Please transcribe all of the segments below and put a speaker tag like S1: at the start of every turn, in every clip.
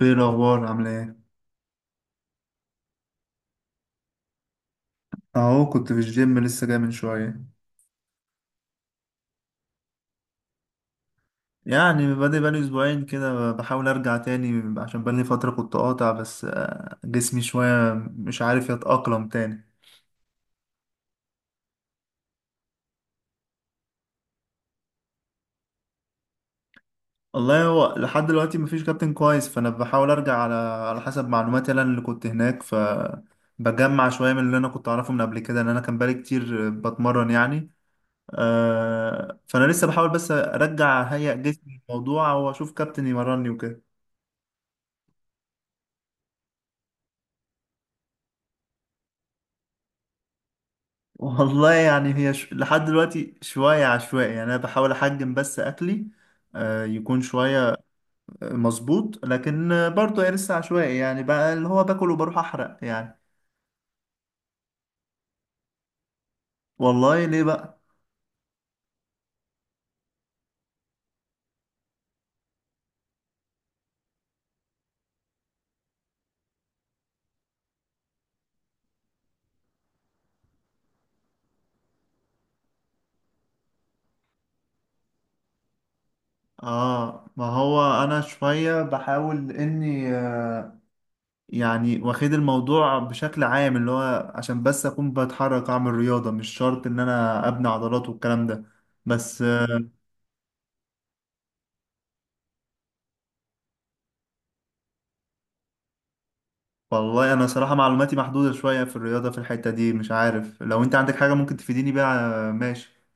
S1: ايه الاخبار، عامله ايه؟ اهو كنت في الجيم، لسه جاي من شويه. يعني بادئ بقالي اسبوعين كده، بحاول ارجع تاني عشان بقالي فتره كنت قاطع. بس جسمي شويه مش عارف يتاقلم تاني. والله هو لحد دلوقتي مفيش كابتن كويس، فانا بحاول ارجع على حسب معلوماتي انا اللي كنت هناك، ف بجمع شويه من اللي انا كنت اعرفه من قبل كده، ان انا كان بقالي كتير بتمرن يعني. فانا لسه بحاول بس ارجع اهيئ جسمي الموضوع، واشوف كابتن يمرني وكده. والله يعني هي لحد دلوقتي شوية عشوائي، يعني أنا بحاول أحجم بس أكلي، يكون شوية مظبوط، لكن برضه هي لسه عشوائي، يعني بقى اللي هو باكل وبروح أحرق يعني. والله ليه بقى؟ آه، ما هو أنا شوية بحاول إني يعني واخد الموضوع بشكل عام، اللي هو عشان بس أكون بتحرك أعمل رياضة، مش شرط إن أنا أبني عضلات والكلام ده بس. والله انا صراحة معلوماتي محدودة شوية في الرياضة في الحتة دي، مش عارف لو انت عندك حاجة ممكن تفيديني بيها، ماشي.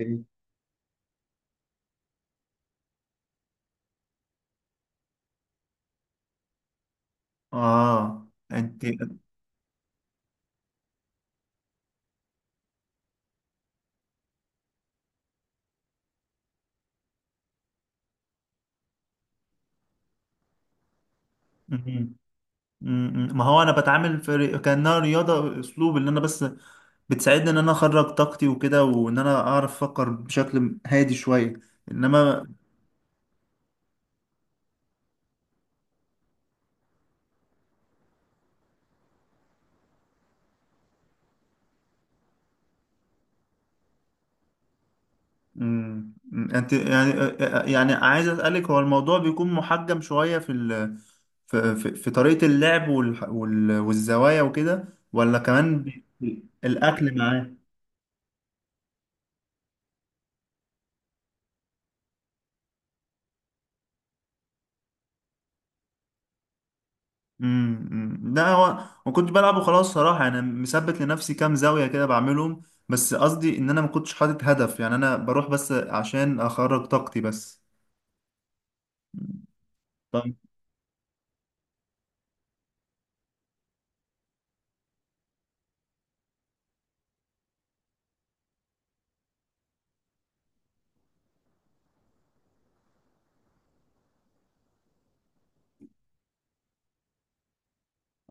S1: إيه؟ اه. انت. مم. مم. ما هو انا بتعامل في كانها رياضه اسلوب، ان انا بس بتساعدني ان انا اخرج طاقتي وكده، وان انا اعرف افكر بشكل هادي شويه. انما امم انت يعني. يعني عايز اسالك، هو الموضوع بيكون محجم شويه في في طريقه اللعب والزوايا وكده، ولا كمان الاكل معاه؟ أمم. لا، هو ما كنت بلعب وخلاص صراحه، انا مثبت لنفسي كام زاويه كده بعملهم، بس قصدي ان انا ما كنتش حاطط هدف. يعني انا بروح بس عشان اخرج طاقتي بس. طيب.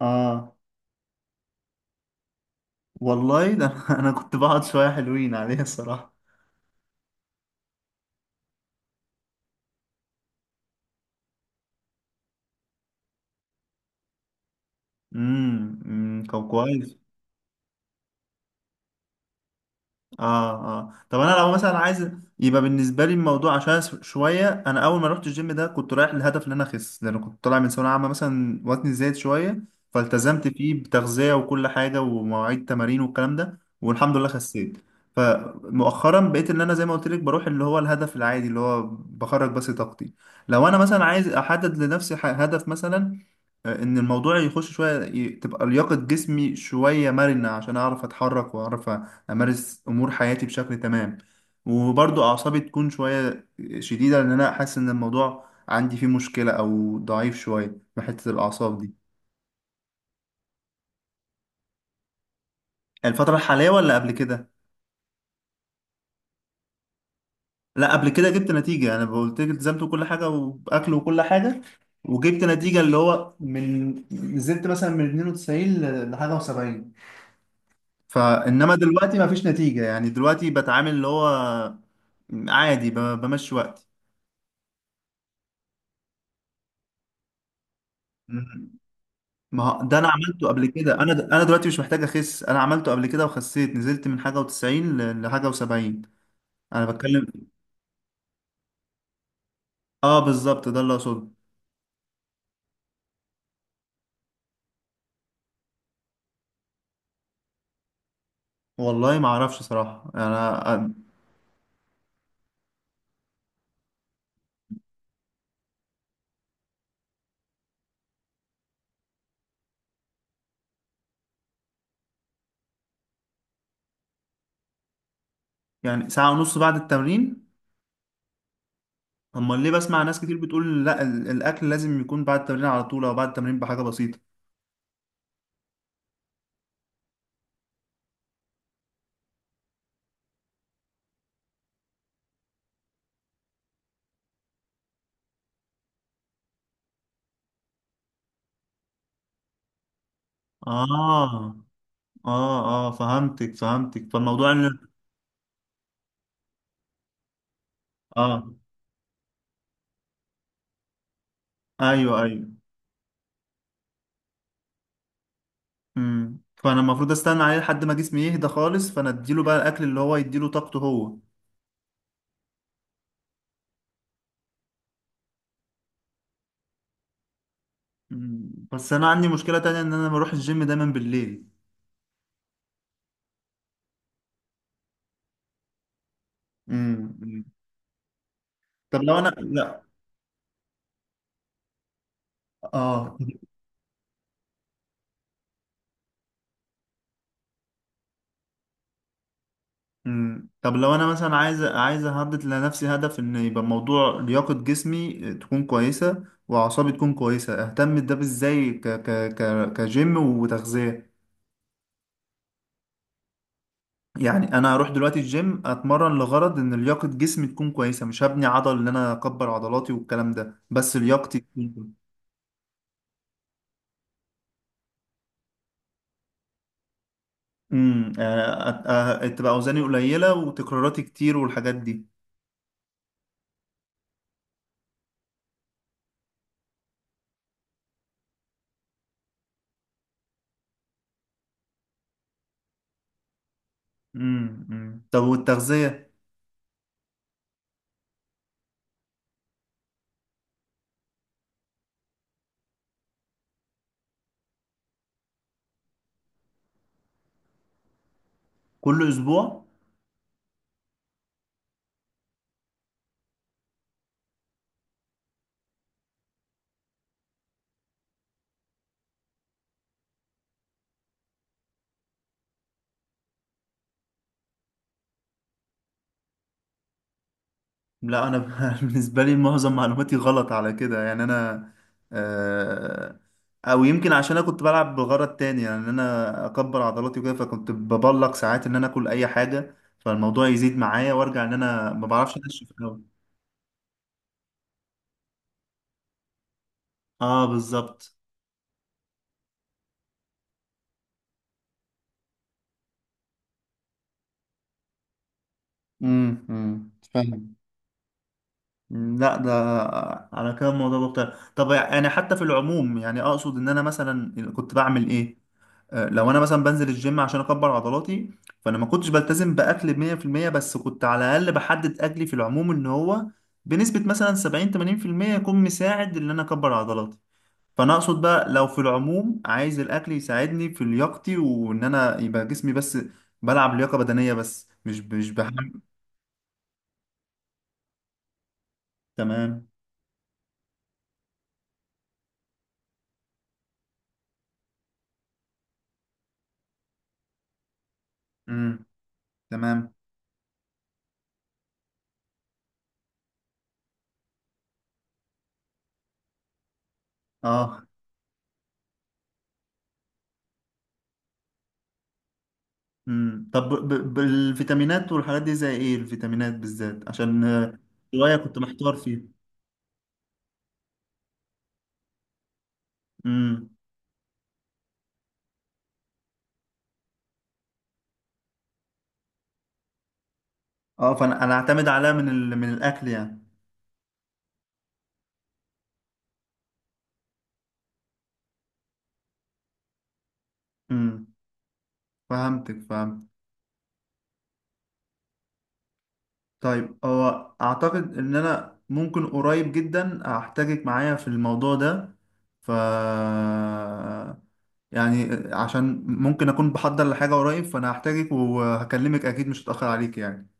S1: اه. والله ده انا كنت بقعد شويه حلوين عليها الصراحه. امم، أمم. طب كويس. اه. اه. طب انا لو مثلا عايز، يبقى بالنسبه لي الموضوع عشان شويه انا اول ما رحت الجيم ده كنت رايح للهدف ان انا اخس، لان كنت طالع من ثانويه عامه مثلا وزني زايد شويه، فالتزمت فيه بتغذيه وكل حاجه ومواعيد تمارين والكلام ده، والحمد لله خسيت. فمؤخرا بقيت ان انا زي ما قلت لك بروح اللي هو الهدف العادي، اللي هو بخرج بس طاقتي. لو انا مثلا عايز احدد لنفسي هدف مثلا، ان الموضوع يخش شويه، تبقى لياقه جسمي شويه مرنه عشان اعرف اتحرك واعرف امارس امور حياتي بشكل تمام، وبرضو اعصابي تكون شويه شديده، لان انا حاسس ان الموضوع عندي فيه مشكله او ضعيف شويه من حته الاعصاب دي. الفتره الحاليه ولا قبل كده؟ لا، قبل كده جبت نتيجه، انا قلت لك التزمت بكل حاجه واكل وكل حاجه، وجبت نتيجه، اللي هو من نزلت مثلا من 92 لحاجه و70. فانما دلوقتي ما فيش نتيجه، يعني دلوقتي بتعامل اللي هو عادي، بمشي وقتي. ما هو ده انا عملته قبل كده، انا دلوقتي مش محتاج اخس، انا عملته قبل كده وخسيت، نزلت من حاجه و90 لحاجه و70. انا بتكلم. اه بالظبط، ده اللي اقصده. والله ما اعرفش صراحه انا. يعني ساعه ونص بعد التمرين؟ امال ليه بسمع ناس كتير بتقول لا، الاكل لازم يكون بعد التمرين على طول، او بعد التمرين بحاجه بسيطه؟ اه. اه. اه. فهمتك، فهمتك، فالموضوع اللي... اه. ايوه. ايوه. فانا المفروض استنى عليه لحد ما جسمي يهدى خالص، فانا اديله بقى الاكل اللي هو يديله طاقته هو. مم. بس انا عندي مشكلة تانية، ان انا بروح الجيم دايما بالليل. مم. مم. طب لو انا، لا، اه. مم. طب لو انا مثلا عايز احدد لنفسي هدف، ان يبقى موضوع لياقة جسمي تكون كويسة واعصابي تكون كويسة، اهتم ده ازاي كجيم وتغذية؟ يعني انا هروح دلوقتي الجيم اتمرن لغرض ان لياقة جسمي تكون كويسة، مش هبني عضل ان انا اكبر عضلاتي والكلام ده، بس لياقتي تكون. يعني تبقى اوزاني قليله وتكراراتي كتير والحاجات دي. امم، أمم. طب والتغذيه؟ كل اسبوع؟ لا، انا بالنسبه لي معظم معلوماتي غلط على كده، يعني انا، آه، او يمكن عشان انا كنت بلعب بغرض تاني، يعني ان انا اكبر عضلاتي وكده، فكنت ببلق ساعات ان انا اكل اي حاجه، فالموضوع يزيد معايا، وارجع ان انا ما بعرفش انشف قوي. اه بالظبط. امم، أمم. فاهم. لا، ده على كده الموضوع مختلف. طب يعني حتى في العموم، يعني اقصد ان انا مثلا كنت بعمل ايه؟ لو انا مثلا بنزل الجيم عشان اكبر عضلاتي، فانا ما كنتش بلتزم باكل 100%، بس كنت على الاقل بحدد اكلي في العموم ان هو بنسبة مثلا 70 80% يكون مساعد ان انا اكبر عضلاتي. فانا اقصد بقى لو في العموم عايز الاكل يساعدني في لياقتي، وان انا يبقى جسمي بس بلعب لياقة بدنية بس، مش بحمل. تمام. امم. تمام. اه. مم. طب بالفيتامينات والحاجات دي، زي ايه الفيتامينات بالذات عشان شوية كنت محتار فيه. امم. اه، فانا انا اعتمد عليها من من الاكل يعني. امم. فهمتك. فهمت. طيب هو اعتقد ان انا ممكن قريب جدا احتاجك معايا في الموضوع ده، ف يعني عشان ممكن اكون بحضر لحاجة قريب، فانا هحتاجك وهكلمك اكيد، مش هتأخر عليك يعني.